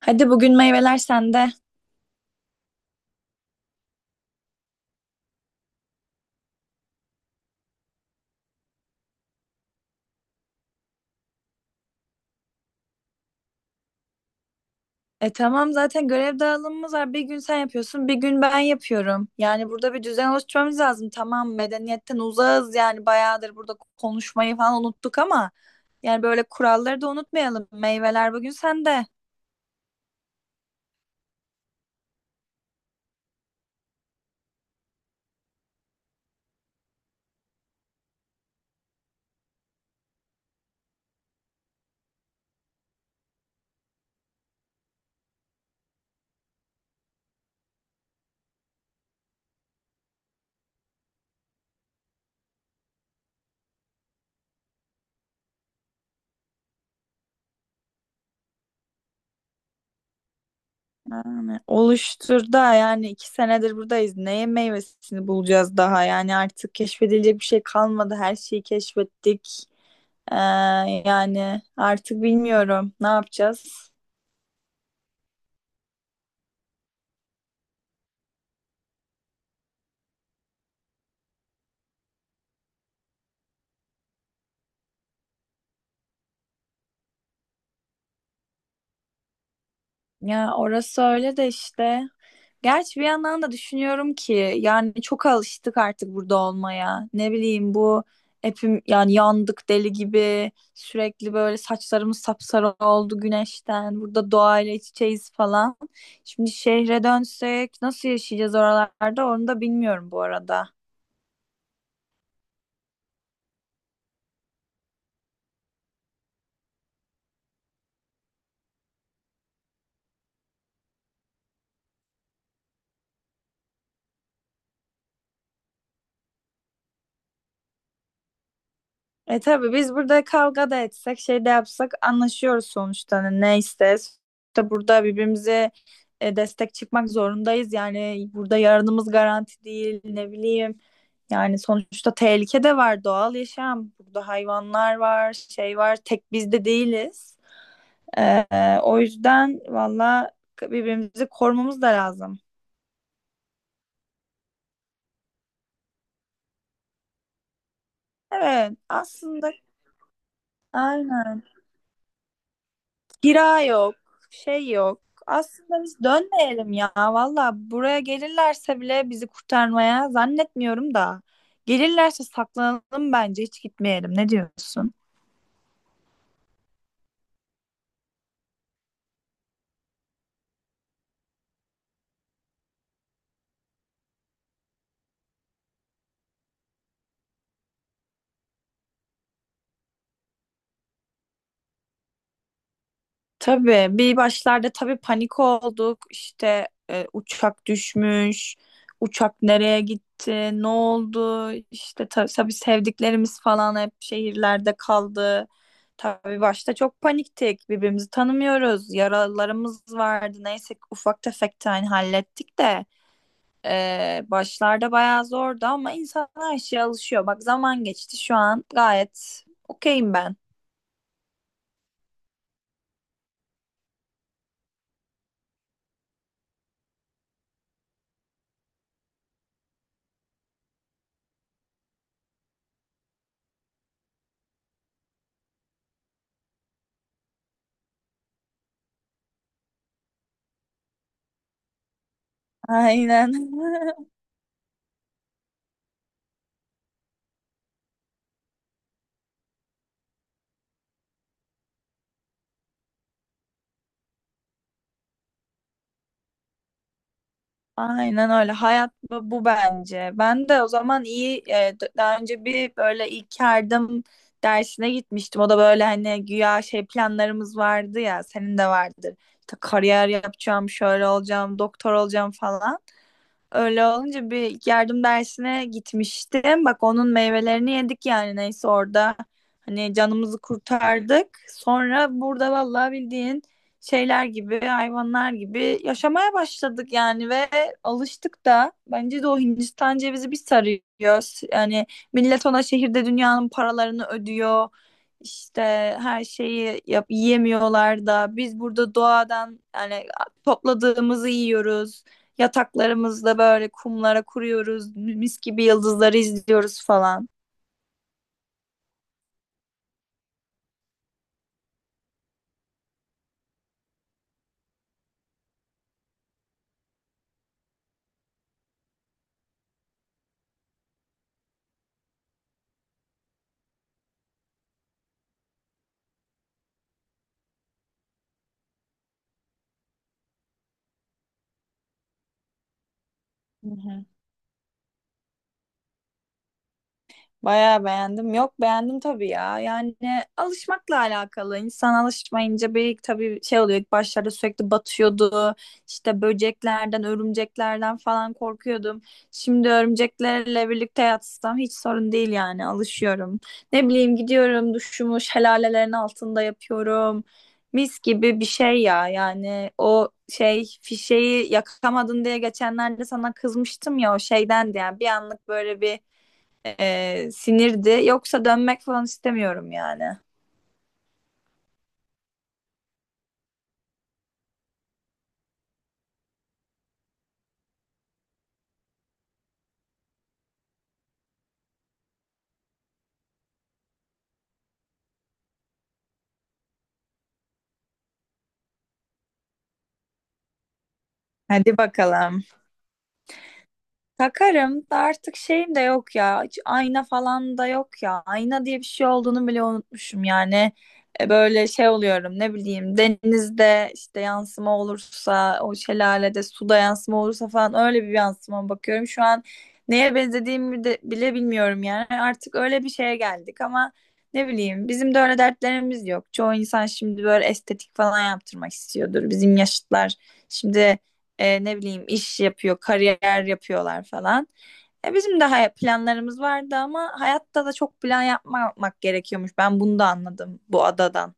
Hadi bugün meyveler sende. Tamam zaten görev dağılımımız var. Bir gün sen yapıyorsun, bir gün ben yapıyorum. Yani burada bir düzen oluşturmamız lazım. Tamam medeniyetten uzağız, yani bayağıdır burada konuşmayı falan unuttuk ama yani böyle kuralları da unutmayalım. Meyveler bugün sende. Yani oluştur da, yani 2 senedir buradayız. Neye meyvesini bulacağız daha? Yani artık keşfedilecek bir şey kalmadı. Her şeyi keşfettik. Ee, Yani artık bilmiyorum ne yapacağız. Ya orası öyle de işte. Gerçi bir yandan da düşünüyorum ki yani çok alıştık artık burada olmaya. Ne bileyim, bu hepim yani yandık deli gibi, sürekli böyle saçlarımız sapsarı oldu güneşten. Burada doğayla iç içeyiz falan. Şimdi şehre dönsek nasıl yaşayacağız oralarda onu da bilmiyorum bu arada. E tabii biz burada kavga da etsek, şey de yapsak anlaşıyoruz sonuçta. Hani ne isteriz. İşte burada birbirimize destek çıkmak zorundayız. Yani burada yarınımız garanti değil, ne bileyim. Yani sonuçta tehlike de var, doğal yaşam. Burada hayvanlar var, şey var. Tek biz de değiliz. E, O yüzden valla birbirimizi korumamız da lazım. Evet, aslında aynen. Kira yok, şey yok. Aslında biz dönmeyelim ya. Valla buraya gelirlerse bile bizi kurtarmaya zannetmiyorum da. Gelirlerse saklanalım, bence hiç gitmeyelim. Ne diyorsun? Tabii bir başlarda tabii panik olduk. İşte uçak düşmüş. Uçak nereye gitti? Ne oldu? İşte tabii sevdiklerimiz falan hep şehirlerde kaldı. Tabii başta çok paniktik. Birbirimizi tanımıyoruz. Yaralarımız vardı. Neyse ki ufak tefek tane hallettik de başlarda bayağı zordu ama insan her şeye alışıyor. Bak zaman geçti, şu an gayet okeyim ben. Aynen. Aynen öyle. Hayat bu, bu bence. Ben de o zaman iyi daha önce bir böyle ilk yardım dersine gitmiştim. O da böyle hani güya şey planlarımız vardı ya, senin de vardır. İşte kariyer yapacağım, şöyle olacağım, doktor olacağım falan. Öyle olunca bir yardım dersine gitmiştim. Bak onun meyvelerini yedik yani, neyse orada. Hani canımızı kurtardık. Sonra burada vallahi bildiğin şeyler gibi, hayvanlar gibi yaşamaya başladık yani ve alıştık da. Bence de o Hindistan cevizi bir sarıyor. Yani millet ona şehirde dünyanın paralarını ödüyor. İşte her şeyi yap, yiyemiyorlar da biz burada doğadan yani topladığımızı yiyoruz. Yataklarımızda böyle kumlara kuruyoruz. Mis gibi yıldızları izliyoruz falan. Hı hı. Bayağı beğendim. Yok beğendim tabii ya. Yani alışmakla alakalı. İnsan alışmayınca bir tabii şey oluyor. İlk başlarda sürekli batıyordu. İşte böceklerden, örümceklerden falan korkuyordum. Şimdi örümceklerle birlikte yatsam hiç sorun değil yani. Alışıyorum. Ne bileyim, gidiyorum duşumu şelalelerin altında yapıyorum. Mis gibi bir şey ya. Yani o şey fişeği yakamadın diye geçenlerde sana kızmıştım ya o şeyden diye. Yani bir anlık böyle bir sinirdi. Yoksa dönmek falan istemiyorum yani. Hadi bakalım. Takarım da artık şeyim de yok ya. Hiç ayna falan da yok ya. Ayna diye bir şey olduğunu bile unutmuşum yani. Böyle şey oluyorum, ne bileyim denizde işte yansıma olursa, o şelalede suda yansıma olursa falan öyle bir yansıma bakıyorum. Şu an neye benzediğimi de bile bilmiyorum yani. Artık öyle bir şeye geldik ama ne bileyim bizim de öyle dertlerimiz yok. Çoğu insan şimdi böyle estetik falan yaptırmak istiyordur. Bizim yaşıtlar şimdi ne bileyim iş yapıyor, kariyer yapıyorlar falan. Bizim de planlarımız vardı ama hayatta da çok plan yapmamak gerekiyormuş. Ben bunu da anladım bu adadan.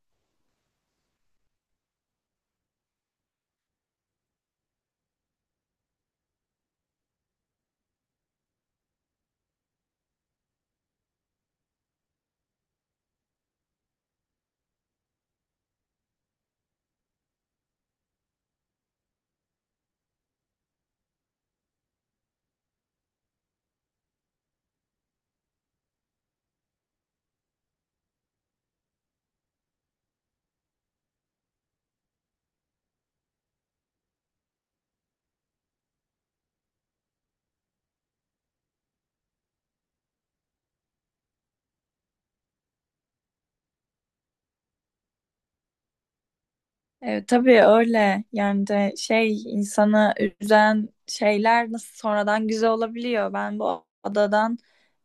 E, tabii öyle. Yani de şey insanı üzen şeyler nasıl sonradan güzel olabiliyor. Ben bu adadan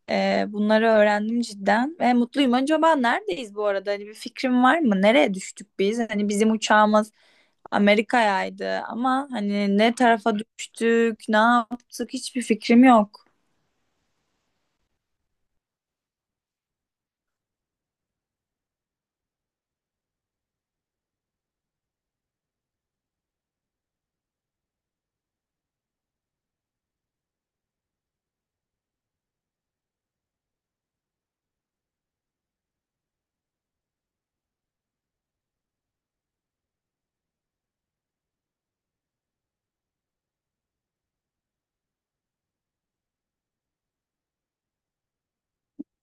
bunları öğrendim cidden ve mutluyum. Acaba neredeyiz bu arada? Hani bir fikrim var mı? Nereye düştük biz? Hani bizim uçağımız Amerika'yaydı ama hani ne tarafa düştük, ne yaptık hiçbir fikrim yok.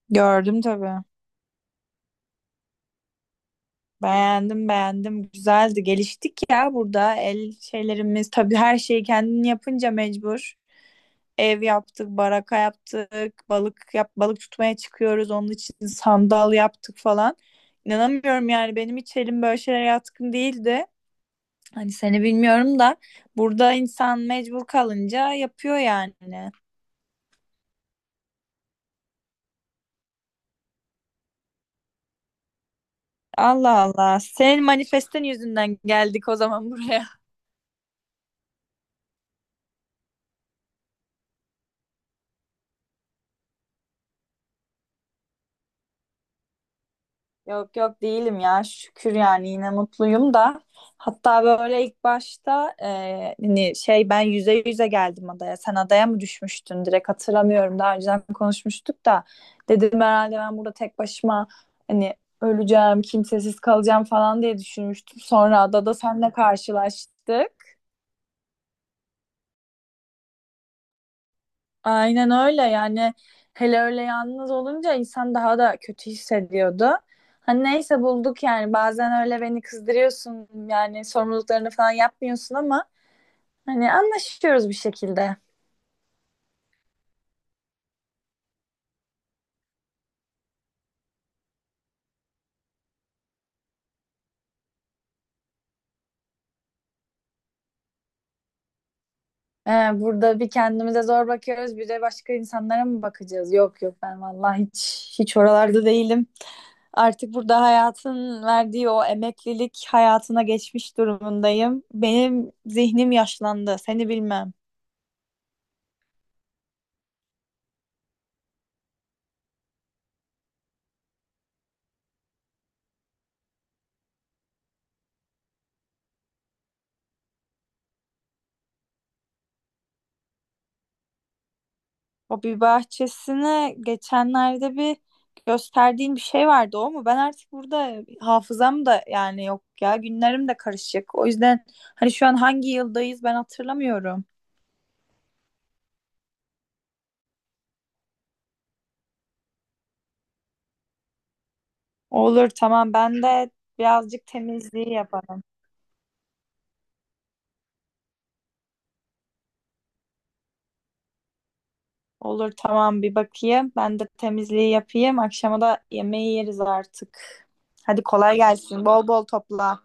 Gördüm tabii. Beğendim, beğendim. Güzeldi. Geliştik ya burada. El şeylerimiz tabii, her şeyi kendin yapınca mecbur. Ev yaptık, baraka yaptık, balık tutmaya çıkıyoruz. Onun için sandal yaptık falan. İnanamıyorum yani, benim hiç elim böyle şeylere yatkın değildi. Hani seni bilmiyorum da burada insan mecbur kalınca yapıyor yani. Allah Allah. Senin manifestin yüzünden geldik o zaman buraya. Yok yok değilim ya. Şükür yani yine mutluyum da. Hatta böyle ilk başta hani şey ben yüze yüze geldim adaya. Sen adaya mı düşmüştün? Direkt hatırlamıyorum. Daha önceden konuşmuştuk da. Dedim herhalde ben burada tek başıma hani öleceğim, kimsesiz kalacağım falan diye düşünmüştüm. Sonra adada seninle karşılaştık. Aynen öyle yani, hele öyle yalnız olunca insan daha da kötü hissediyordu. Hani neyse bulduk yani, bazen öyle beni kızdırıyorsun yani, sorumluluklarını falan yapmıyorsun ama hani anlaşıyoruz bir şekilde. Ee, Burada bir kendimize zor bakıyoruz, bir de başka insanlara mı bakacağız? Yok yok, ben vallahi hiç oralarda değilim. Artık burada hayatın verdiği o emeklilik hayatına geçmiş durumundayım. Benim zihnim yaşlandı, seni bilmem. O bir bahçesine geçenlerde bir gösterdiğin bir şey vardı, o mu? Ben artık burada hafızam da yani yok ya, günlerim de karışık. O yüzden hani şu an hangi yıldayız ben hatırlamıyorum. Olur tamam, ben de birazcık temizliği yaparım. Olur tamam, bir bakayım. Ben de temizliği yapayım. Akşama da yemeği yeriz artık. Hadi kolay gelsin. Bol bol topla.